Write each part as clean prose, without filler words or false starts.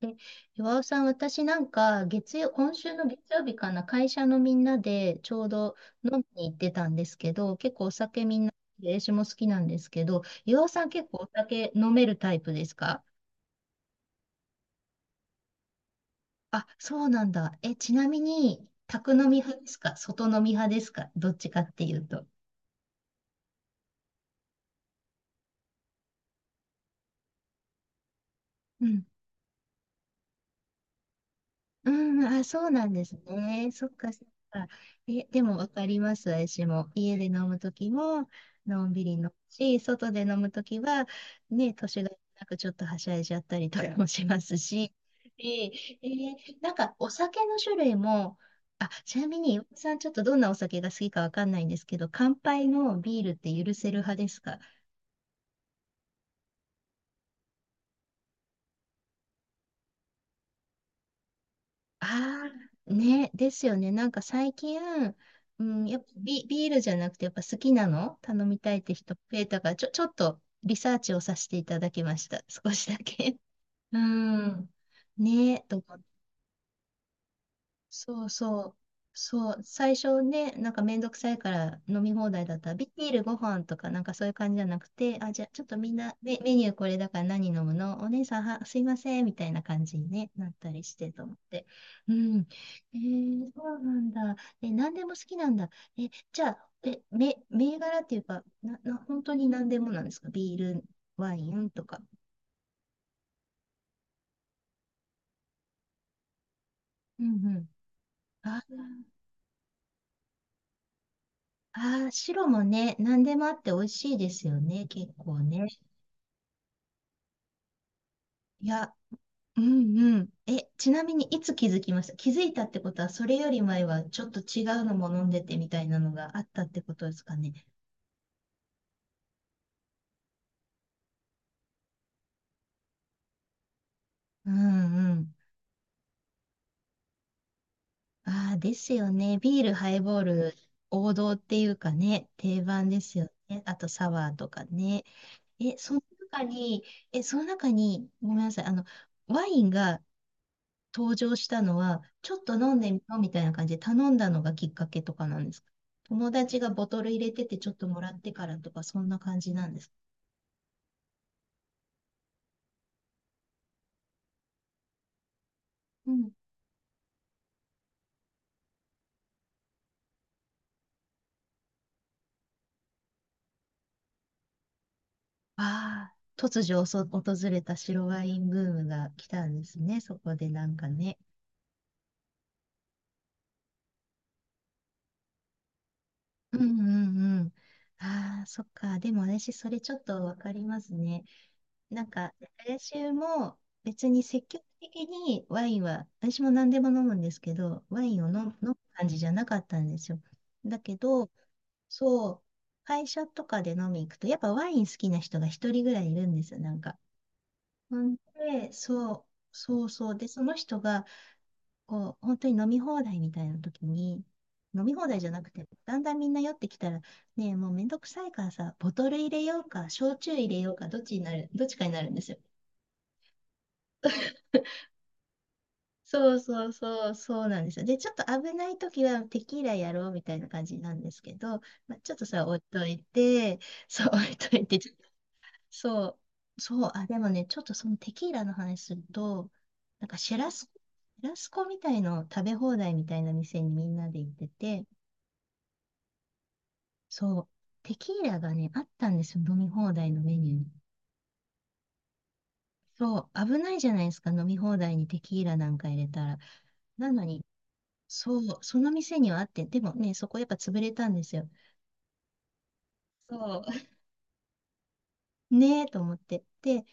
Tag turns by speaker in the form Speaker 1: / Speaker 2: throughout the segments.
Speaker 1: で、岩尾さん、私なんか今週の月曜日かな、会社のみんなでちょうど飲みに行ってたんですけど、結構お酒みんな、私も好きなんですけど、岩尾さん結構お酒飲めるタイプですか？あ、そうなんだ。え、ちなみに、宅飲み派ですか？外飲み派ですか？どっちかっていうと。うん、あ、そうなんですね。そっかそっか。え、でもわかります、私も。家で飲むときも、のんびり飲むし、外で飲むときは、ね、年がいなくちょっとはしゃいじゃったりとかもしますし。ええーなんかお酒の種類も、あ、ちなみに、岩尾さんちょっとどんなお酒が好きかわかんないんですけど、乾杯のビールって許せる派ですか？ああ、ね、ですよね。なんか最近、うん、やっぱビールじゃなくて、やっぱ好きなの頼みたいって人増えたから、ちょっとリサーチをさせていただきました。少しだけ。うん。ね、と思って。そうそう。そう。最初ね、なんかめんどくさいから飲み放題だったら、ビールご飯とかなんかそういう感じじゃなくて、あ、じゃあちょっとみんなメニューこれだから何飲むの？お姉さんは、すいません、みたいな感じに、ね、なったりしてと思って。うん。そうなんだ。え、何でも好きなんだ。え、じゃあ、え、銘柄っていうか、本当に何でもなんですか？ビール、ワインとか。うんうん。ああー、白もね、何でもあって美味しいですよね、結構ね。いや、うんうん。え、ちなみにいつ気づきました？気づいたってことは、それより前はちょっと違うのも飲んでてみたいなのがあったってことですかね。うんうん。ああ、ですよね。ビール、ハイボール、王道っていうかね、定番ですよね。あとサワーとかね。え、その中に、え、その中に、ごめんなさい。ワインが登場したのは、ちょっと飲んでみようみたいな感じで頼んだのがきっかけとかなんですか？友達がボトル入れててちょっともらってからとか、そんな感じなんですか？うん。ああ、突如訪れた白ワインブームが来たんですね、そこでなんかね。うんうんうん。ああ、そっか。でも私、それちょっとわかりますね。なんか、私も別に積極的にワインは、私も何でも飲むんですけど、ワインを飲む感じじゃなかったんですよ。だけど、そう、会社とかで飲み行くと、やっぱワイン好きな人が一人ぐらいいるんですよ、なんか。ほんで、そう、そうそう。で、その人が、こう、本当に飲み放題みたいな時に、飲み放題じゃなくて、だんだんみんな酔ってきたら、ねえ、もうめんどくさいからさ、ボトル入れようか、焼酎入れようか、どっちかになるんですよ。そうそうそう、そうなんですよ。で、ちょっと危ないときはテキーラやろうみたいな感じなんですけど、まあ、ちょっとそれ置いといて、そう、置いといて、ちょっとそう、そう、あ、でもね、ちょっとそのテキーラの話すると、なんかシェラスコみたいの食べ放題みたいな店にみんなで行ってて、そう、テキーラがね、あったんですよ、飲み放題のメニューに。そう、危ないじゃないですか、飲み放題にテキーラなんか入れたら。なのに、そう、その店にはあって、でもね、そこやっぱ潰れたんですよ。そう。ねえと思って。で、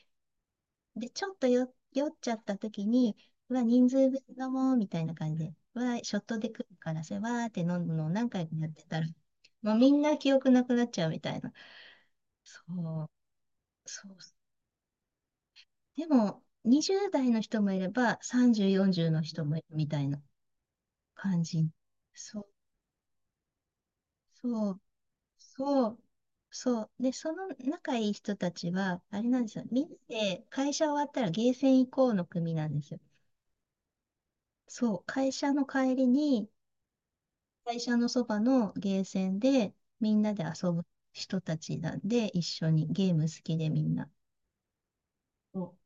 Speaker 1: で、ちょっと酔っちゃった時に、うわ、人数分飲もうみたいな感じで、うわ、ショットで来るからさ、わーって飲むのを何回かやってたら、もうみんな記憶なくなっちゃうみたいな。そう、そう。でも、20代の人もいれば、30、40の人もいるみたいな感じ。そう、そう。そう、そう。で、その仲いい人たちは、あれなんですよ。みんなで会社終わったらゲーセン行こうの組なんですよ。そう、会社の帰りに、会社のそばのゲーセンでみんなで遊ぶ人たちなんで、一緒にゲーム好きでみんな。そう。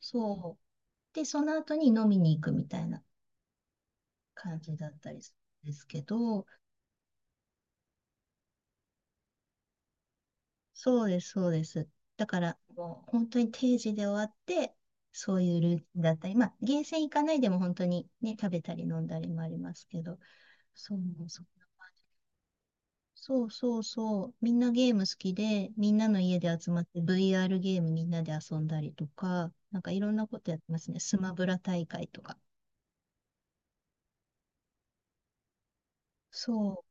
Speaker 1: そうで、その後に飲みに行くみたいな感じだったりするんですけど、そうです、そうです。だから、もう本当に定時で終わって、そういうルーティンだったり、まあ、ゲーセン行かないでも本当にね、食べたり飲んだりもありますけど、そうそう、そうそうそう、みんなゲーム好きで、みんなの家で集まって VR ゲームみんなで遊んだりとか、なんかいろんなことやってますね。スマブラ大会とか。そう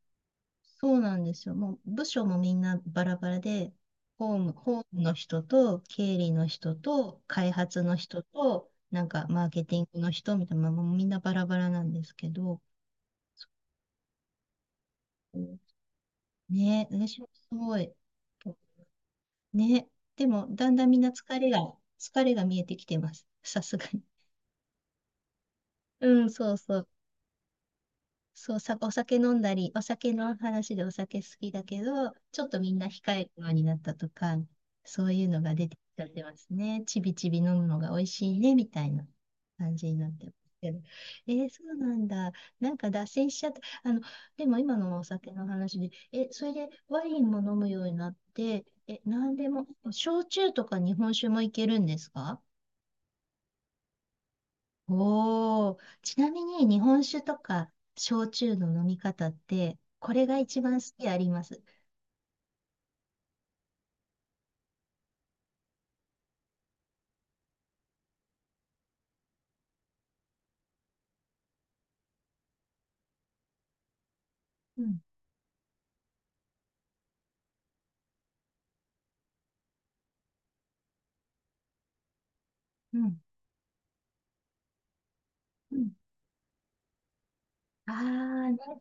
Speaker 1: そうなんですよ。もう部署もみんなバラバラで、ホームの人と、経理の人と、開発の人と、なんかマーケティングの人みたいな、もうみんなバラバラなんですけど、ね、私もすごい、ね、でもだんだんみんな疲れが見えてきてます。さすがに。うん、そうそう。そう、お酒飲んだり、お酒の話でお酒好きだけど、ちょっとみんな控えるようになったとか、そういうのが出てきちゃってますね。ちびちび飲むのが美味しいね、みたいな感じになってますけど。そうなんだ。なんか脱線しちゃった。あの、でも今のお酒の話で、え、それでワインも飲むようになって、え、なんでも、焼酎とか日本酒もいけるんですか？おお、ちなみに日本酒とか焼酎の飲み方って、これが一番好きあります？うん、うん、うん。ああね、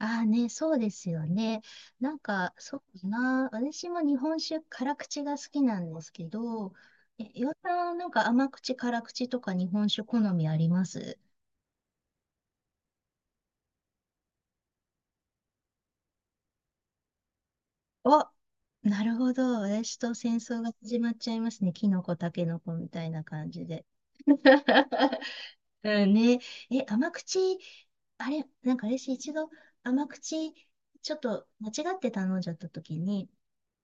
Speaker 1: ああね、そうですよね。なんか、そうだな。私も日本酒、辛口が好きなんですけど、え、岩田さん、なんか甘口、辛口とか日本酒好みあります？あ、なるほど。私と戦争が始まっちゃいますね。キノコ、タケノコみたいな感じで。うんね。え、甘口、あれ、なんか私一度甘口、ちょっと間違って頼んじゃった時に、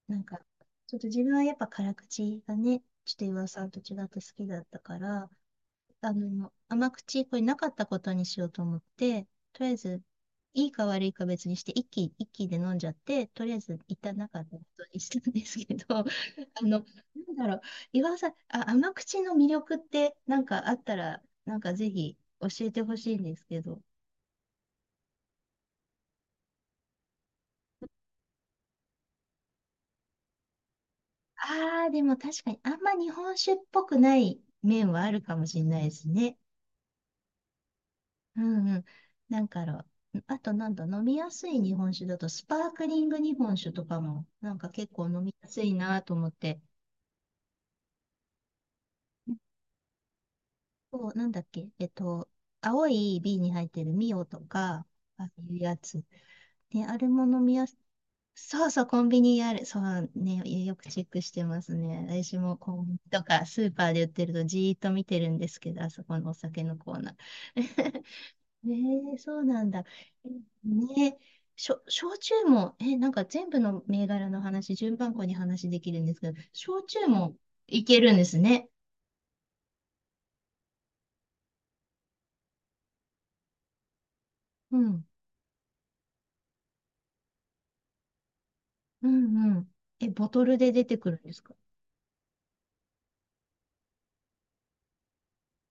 Speaker 1: なんか、ちょっと自分はやっぱ辛口がね、ちょっと岩尾さんと違って好きだったから、あの、甘口、これなかったことにしようと思って、とりあえず、いいか悪いか別にして、一気で飲んじゃって、とりあえず、一旦なかったことにしたんですけど、あの、なんだろう、岩尾さん、あ、甘口の魅力って、なんかあったら、なんかぜひ教えてほしいんですけど。ああ、でも確かに、あんま日本酒っぽくない面はあるかもしれないですね。うんうん。なんかあとなんだ、飲みやすい日本酒だと、スパークリング日本酒とかも、なんか結構飲みやすいなと思って、こう、なんだっけ、青い瓶に入ってるミオとか、ああいうやつ。ね、あれも飲みやす、そうそう、コンビニにある。そうね、よくチェックしてますね。私もコンビニとかスーパーで売ってるとじーっと見てるんですけど、あそこのお酒のコーナー。ねえ、そうなんだ。ねえ、ね焼酎も、え、なんか全部の銘柄の話、順番こに話できるんですけど、焼酎もいけるんですね。うん、うん、うん。え、ボトルで出てくるんですか？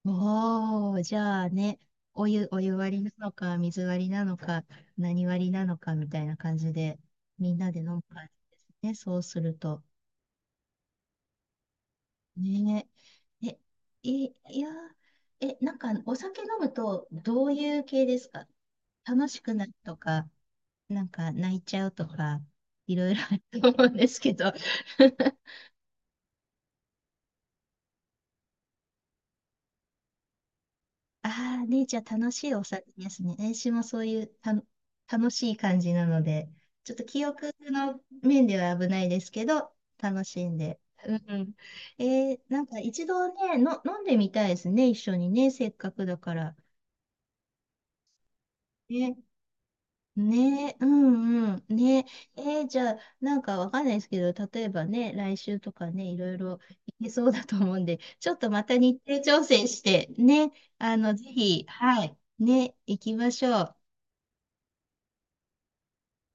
Speaker 1: おー、じゃあね、お湯割りなのか、水割りなのか、何割りなのかみたいな感じで、みんなで飲む感じですね。そうすると。ねえ。え、いやー、え、なんかお酒飲むとどういう系ですか？楽しくなるとか、なんか泣いちゃうとか、いろいろあると思うんですけど。ああ、ね、じゃあ楽しいお酒ですね。私もそういう楽しい感じなので、ちょっと記憶の面では危ないですけど、楽しんで。うんうん。なんか一度ね、飲んでみたいですね、一緒にね、せっかくだから。ねねえ、うんうん。ねえ、じゃあ、なんかわかんないですけど、例えばね、来週とかね、いろいろいけそうだと思うんで、ちょっとまた日程調整して、ね、ぜひ、はい、ね、行きましょう。